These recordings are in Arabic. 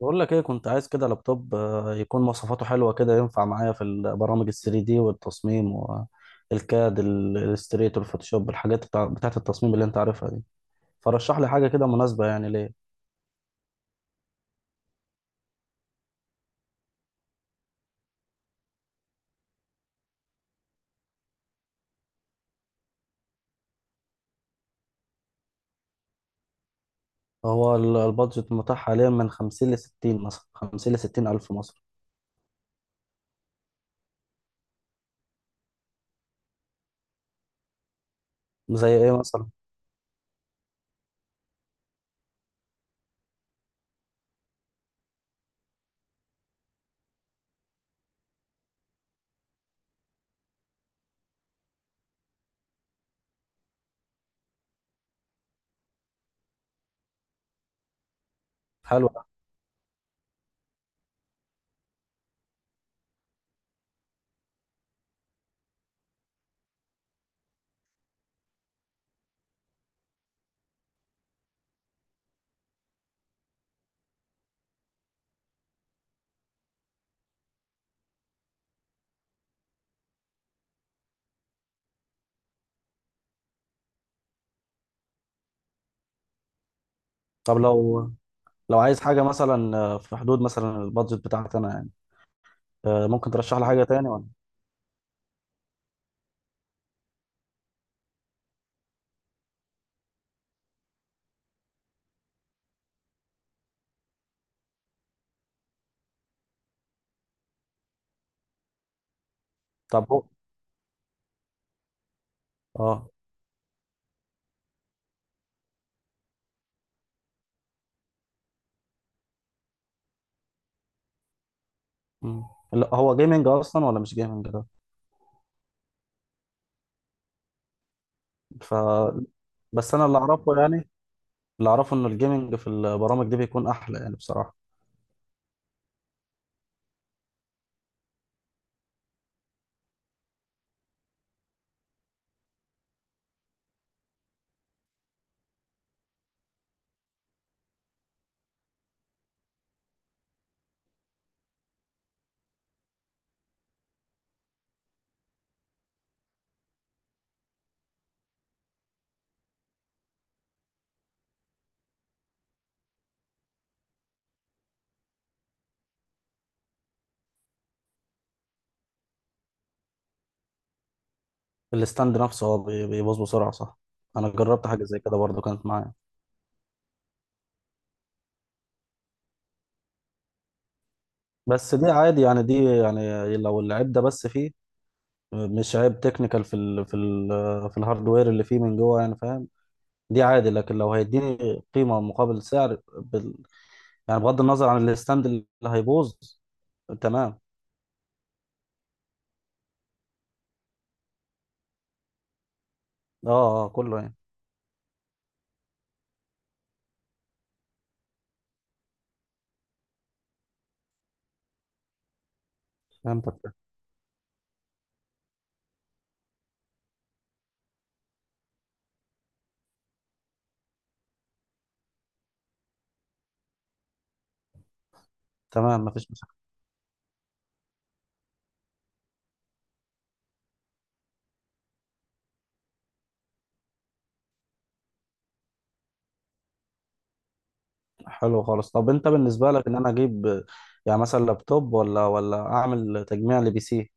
بقول لك ايه كنت عايز كده لابتوب، يكون مواصفاته حلوه كده، ينفع معايا في البرامج ال 3 دي والتصميم والكاد الاستريتور الفوتوشوب، الحاجات بتاعت التصميم اللي انت عارفها دي. فرشح لي حاجه كده مناسبه يعني ليه. هو البادجت متاح حاليا من 50 ل 60، مثلا 50 ل 60 الف مصري. زي ايه مثلا؟ حلو ده. طب لو عايز حاجه مثلا، في حدود مثلا البادجت بتاعتي انا يعني، ممكن ترشح لي حاجه تاني ولا؟ طب هو. اه. مم. لا، هو جيمنج اصلا ولا مش جيمنج ده؟ ف بس انا اللي اعرفه يعني، اللي اعرفه ان الجيمنج في البرامج دي بيكون احلى يعني بصراحه. الستاند نفسه هو بيبوظ بسرعه، صح؟ انا جربت حاجه زي كده برضو، كانت معايا. بس دي عادي يعني، دي يعني لو العيب ده بس فيه، مش عيب تكنيكال في ال في الهاردوير اللي فيه من جوه يعني، فاهم؟ دي عادي، لكن لو هيديني قيمه مقابل سعر بال، يعني بغض النظر عن الستاند اللي هيبوظ، تمام. اه اه، كله يعني. فهمتك. تمام، مفيش مشكله. حلو خالص. طب انت بالنسبة لك، ان انا اجيب يعني مثلا لابتوب ولا اعمل تجميع لبي سي؟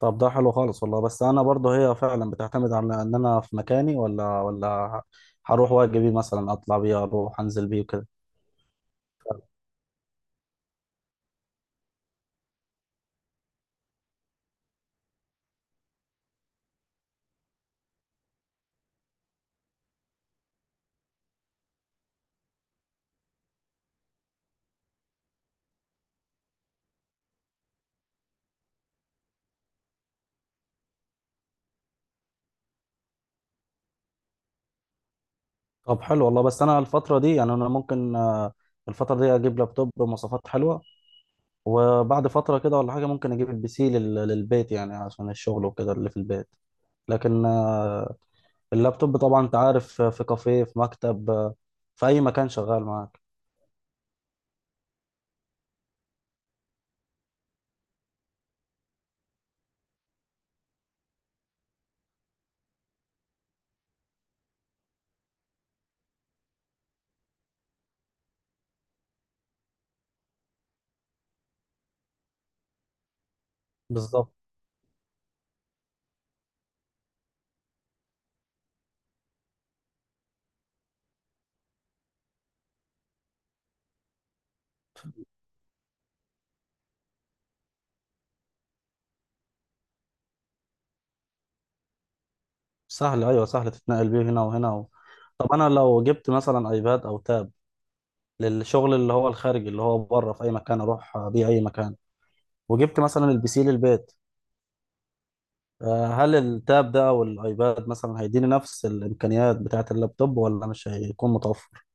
طب ده حلو خالص والله. بس انا برضه، هي فعلا بتعتمد على ان انا في مكاني ولا هروح واجي بيه، مثلا اطلع بيه، اروح انزل بيه وكده. طب حلو والله. بس انا الفترة دي يعني، انا ممكن، الفترة دي اجيب لابتوب بمواصفات حلوة، وبعد فترة كده ولا حاجة ممكن اجيب البي سي للبيت، يعني عشان الشغل وكده اللي في البيت. لكن اللابتوب طبعا انت عارف، في كافيه، في مكتب، في اي مكان شغال معاك. بالظبط. سهل، ايوه سهل تتنقل بيه هنا وهنا طب انا لو جبت مثلا ايباد او تاب للشغل، اللي هو الخارجي اللي هو بره، في اي مكان اروح بيه اي مكان، وجبت مثلا البي سي للبيت، هل التاب ده او الايباد مثلا هيديني نفس الامكانيات بتاعه اللابتوب، ولا مش هيكون متوفر؟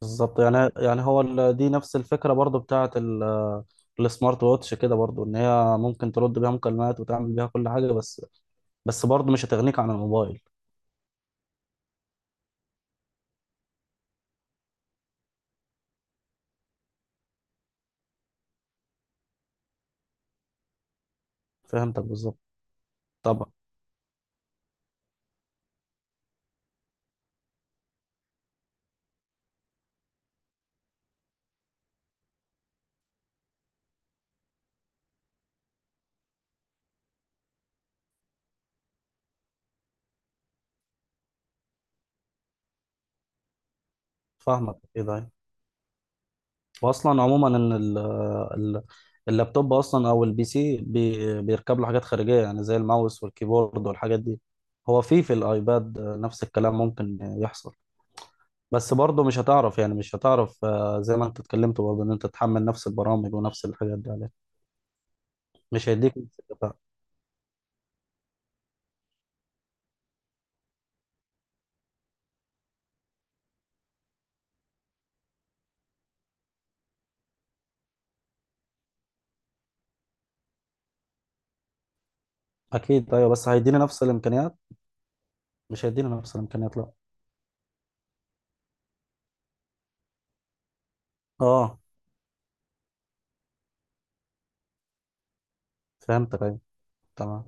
بالظبط. يعني هو دي نفس الفكره برضو بتاعه السمارت ووتش كده، برضو ان هي ممكن ترد بيها مكالمات وتعمل بيها كل حاجه، بس. بس برضو مش هتغنيك عن الموبايل. فهمتك بالظبط. طبعا. فاهمك. ايه ده؟ واصلا عموما ان ال اللابتوب اصلا او البي سي، بيركب له حاجات خارجيه يعني، زي الماوس والكيبورد والحاجات دي. هو في الايباد نفس الكلام ممكن يحصل، بس برضه مش هتعرف، يعني مش هتعرف، زي ما انت اتكلمت برضه، ان انت تحمل نفس البرامج ونفس الحاجات دي عليه. مش هيديك نفس الكفاءة. اكيد ايوه، بس هيديني نفس الامكانيات؟ مش هيدينا نفس الامكانيات، لا. اه، فهمتك ايوه. تمام.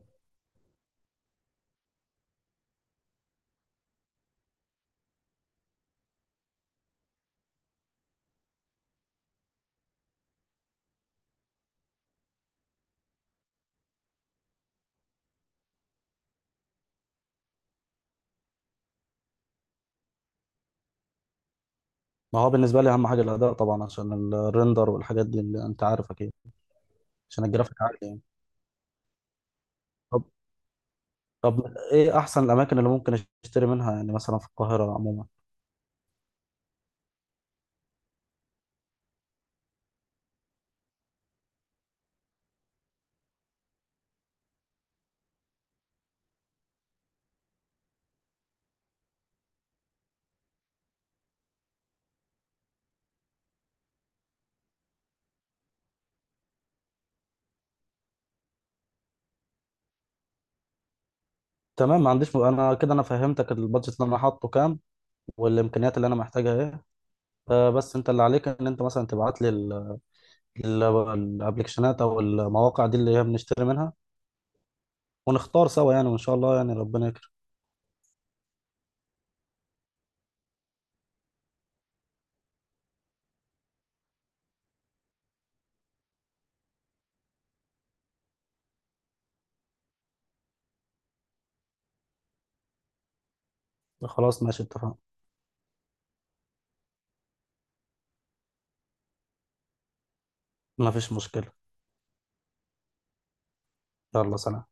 ما هو بالنسبه لي اهم حاجه الاداء طبعا، عشان الريندر والحاجات دي اللي انت عارف اكيد، عشان الجرافيك عالي يعني. طب. ايه احسن الاماكن اللي ممكن اشتري منها، يعني مثلا في القاهره عموما؟ تمام. ما عنديش انا كده، انا فهمتك. البادجت اللي انا حاطه كام، والامكانيات اللي انا محتاجها ايه. بس انت اللي عليك، ان انت مثلا تبعت لي الابلكيشنات او المواقع دي اللي هي بنشتري منها، ونختار سوا يعني، وان شاء الله يعني ربنا يكرم. خلاص ماشي، اتفقنا. ما فيش مشكله. يلا، سلام.